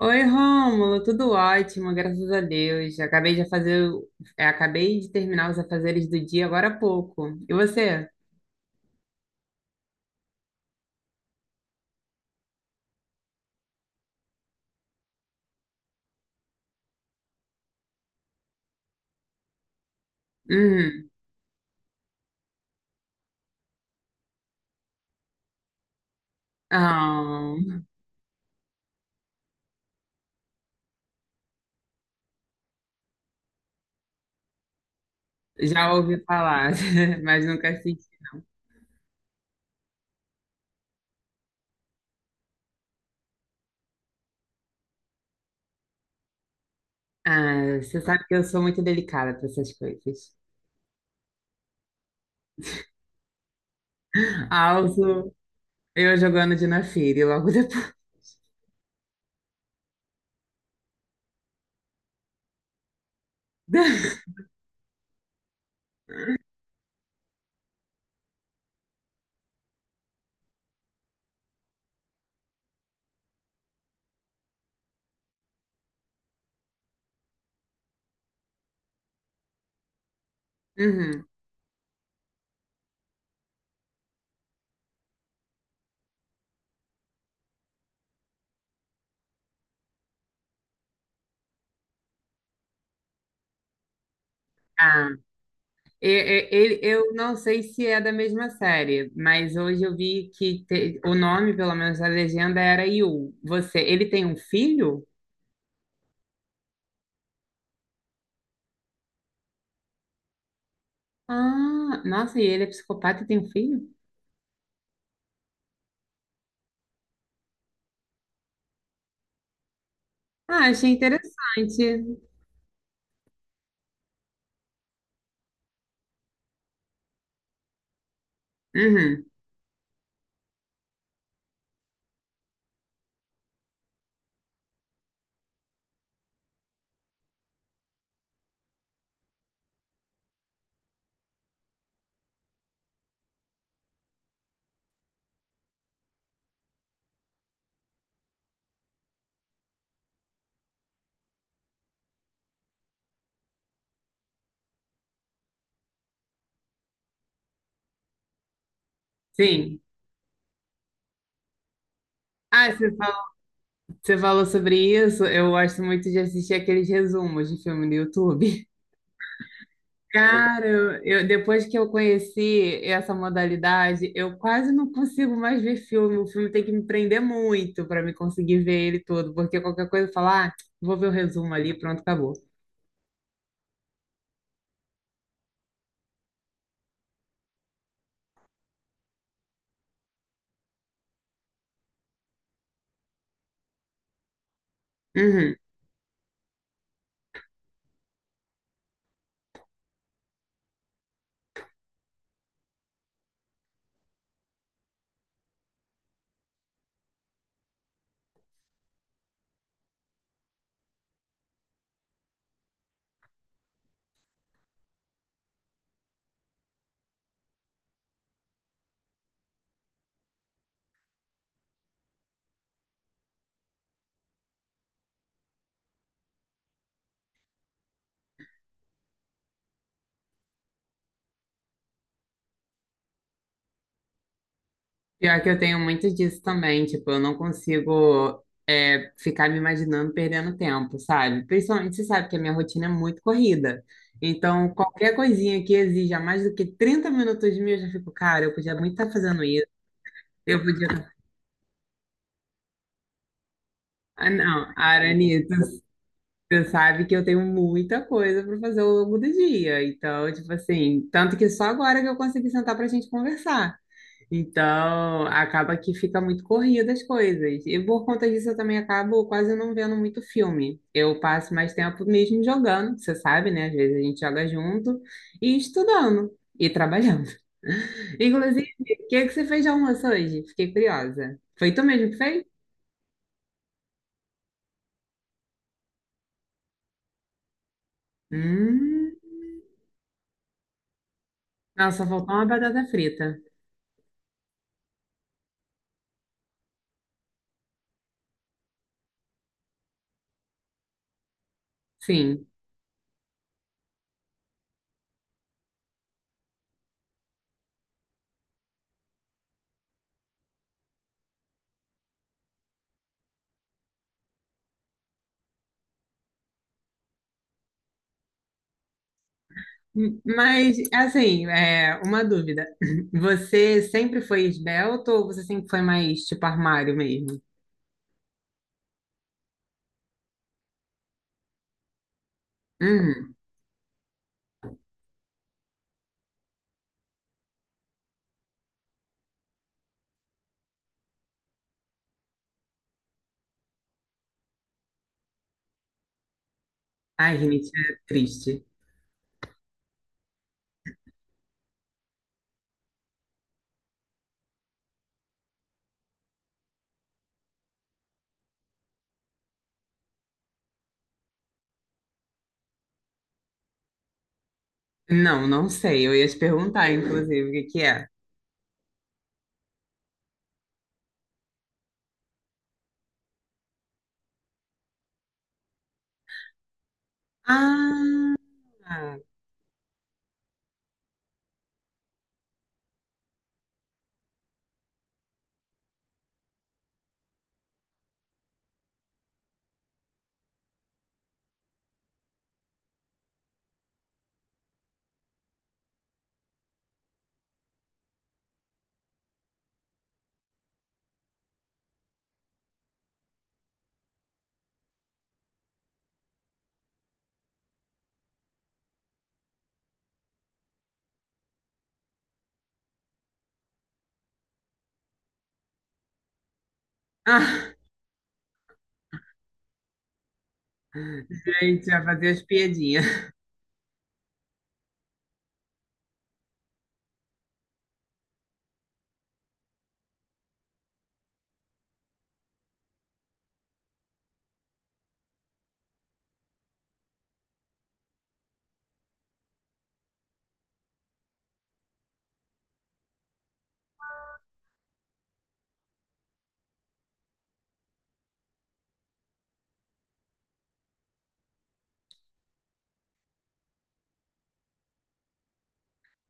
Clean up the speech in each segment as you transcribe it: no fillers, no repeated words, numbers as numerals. Oi, Rômulo, tudo ótimo, graças a Deus. Acabei de fazer, acabei de terminar os afazeres do dia agora há pouco. E você? Hum, ah, já ouvi falar, mas nunca assisti. Ah, você sabe que eu sou muito delicada para essas coisas. Alzo, eu jogando Dina Fire logo depois. Uhum. Ah, Eu não sei se é da mesma série, mas hoje eu vi que o nome, pelo menos a legenda, era Yu. Você, ele tem um filho? Ah, nossa, e ele é psicopata e tem um filho? Ah, achei interessante. Uhum, sim. Ah, você falou sobre isso. Eu gosto muito de assistir aqueles resumos de filme no YouTube. Cara, depois que eu conheci essa modalidade, eu quase não consigo mais ver filme. O filme tem que me prender muito para me conseguir ver ele todo, porque qualquer coisa falar, ah, vou ver o resumo ali, pronto, acabou. Uhum. Pior que eu tenho muito disso também, tipo, eu não consigo ficar me imaginando perdendo tempo, sabe? Principalmente, você sabe que a minha rotina é muito corrida. Então, qualquer coisinha que exija mais do que 30 minutos de mim, eu já fico, cara, eu podia muito estar fazendo isso. Eu podia. Ah, não, Aranita, você sabe que eu tenho muita coisa para fazer ao longo do dia. Então, tipo assim, tanto que só agora que eu consegui sentar para a gente conversar. Então, acaba que fica muito corrida as coisas. E por conta disso, eu também acabo quase não vendo muito filme. Eu passo mais tempo mesmo jogando, você sabe, né? Às vezes a gente joga junto e estudando e trabalhando. Inclusive, o que que você fez de almoço hoje? Fiquei curiosa. Foi tu mesmo que fez? Hum, nossa, faltou uma batata frita. Sim. Mas, assim, é uma dúvida. Você sempre foi esbelto ou você sempre foi mais tipo armário mesmo? Hum. Ai, gente, é triste. Não, não sei. Eu ia te perguntar, inclusive, o que que é. Ah! Ah, gente, já fazia as piadinhas.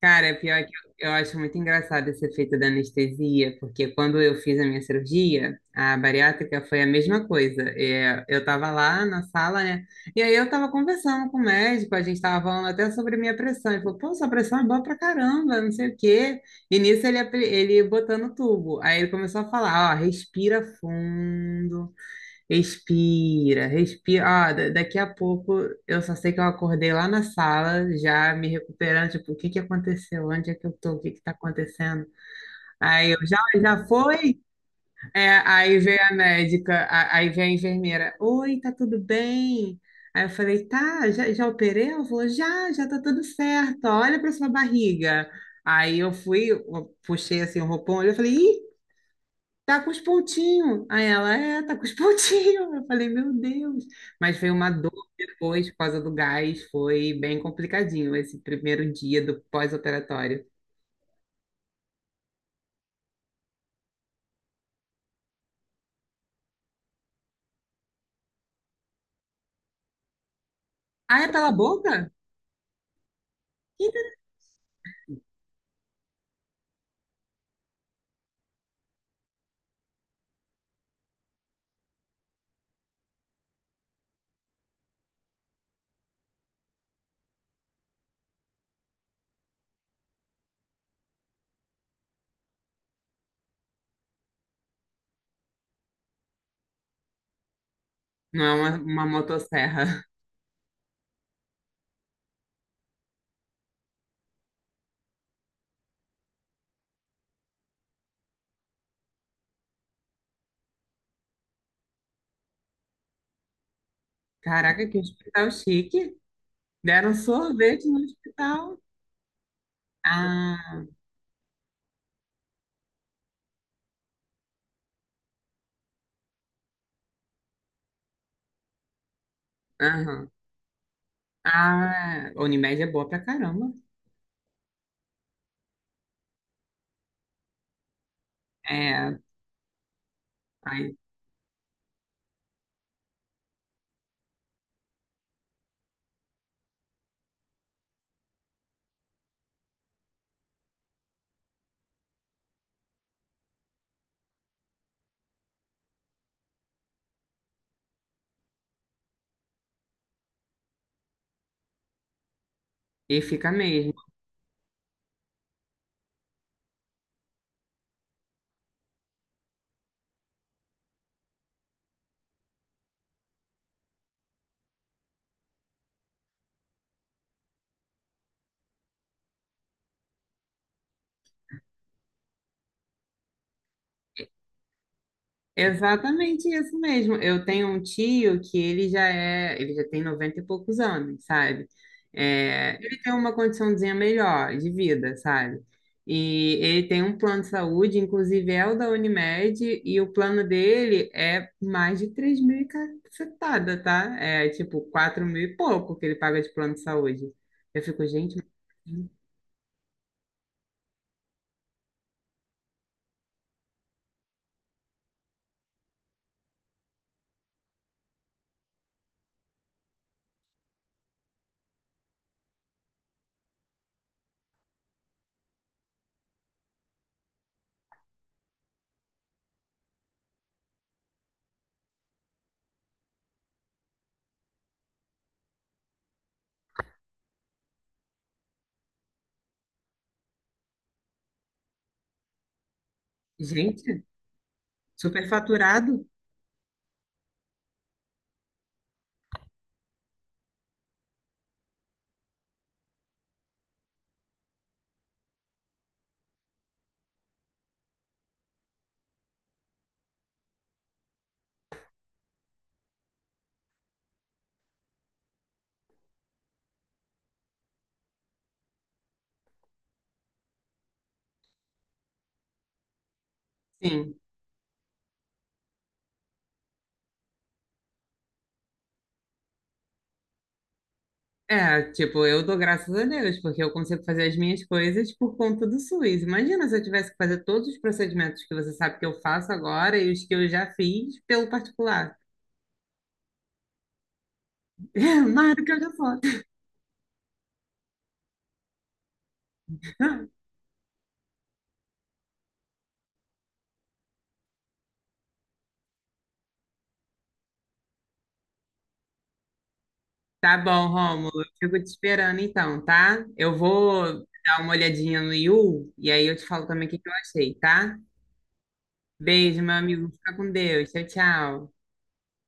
Cara, pior que eu acho muito engraçado esse efeito da anestesia, porque quando eu fiz a minha cirurgia, a bariátrica foi a mesma coisa. É, eu tava lá na sala, né? E aí eu tava conversando com o médico, a gente tava falando até sobre a minha pressão. Ele falou, pô, sua pressão é boa pra caramba, não sei o quê. E nisso ele, ele botando o tubo. Aí ele começou a falar, ó, respira fundo. Respira, respira. Ó, daqui a pouco eu só sei que eu acordei lá na sala, já me recuperando, tipo, o que que aconteceu? Onde é que eu tô? O que que tá acontecendo? Aí eu já, já foi? É, aí veio a médica, aí veio a enfermeira. Oi, tá tudo bem? Aí eu falei, tá, já, já operei? Ela falou, já, já tá tudo certo, olha pra sua barriga. Aí eu fui, eu puxei assim o roupão, olhei, eu falei, ih, tá com os pontinhos. Aí ela, é, tá com os pontinhos. Eu falei, meu Deus. Mas foi uma dor depois, por causa do gás. Foi bem complicadinho esse primeiro dia do pós-operatório. Ah, é pela boca? Não é uma motosserra. Caraca, que hospital chique. Deram sorvete no hospital. Ah, aham. Ah, Unimed é boa pra caramba. É, aí, e fica mesmo. Exatamente isso mesmo. Eu tenho um tio que ele já é, ele já tem 90 e poucos anos, sabe? É, ele tem uma condiçãozinha melhor de vida, sabe? E ele tem um plano de saúde, inclusive é o da Unimed, e o plano dele é mais de 3 mil e cacetada, tá? É tipo 4 mil e pouco que ele paga de plano de saúde. Eu fico, gente, gente, superfaturado? Sim. É, tipo, eu dou graças a Deus, porque eu consigo fazer as minhas coisas por conta do SUS. Imagina se eu tivesse que fazer todos os procedimentos que você sabe que eu faço agora e os que eu já fiz pelo particular. É, mais do que eu já faço. Tá bom, Rômulo, eu fico te esperando então, tá? Eu vou dar uma olhadinha no Yu e aí eu te falo também o que que eu achei, tá? Beijo, meu amigo, fica com Deus. Tchau, tchau.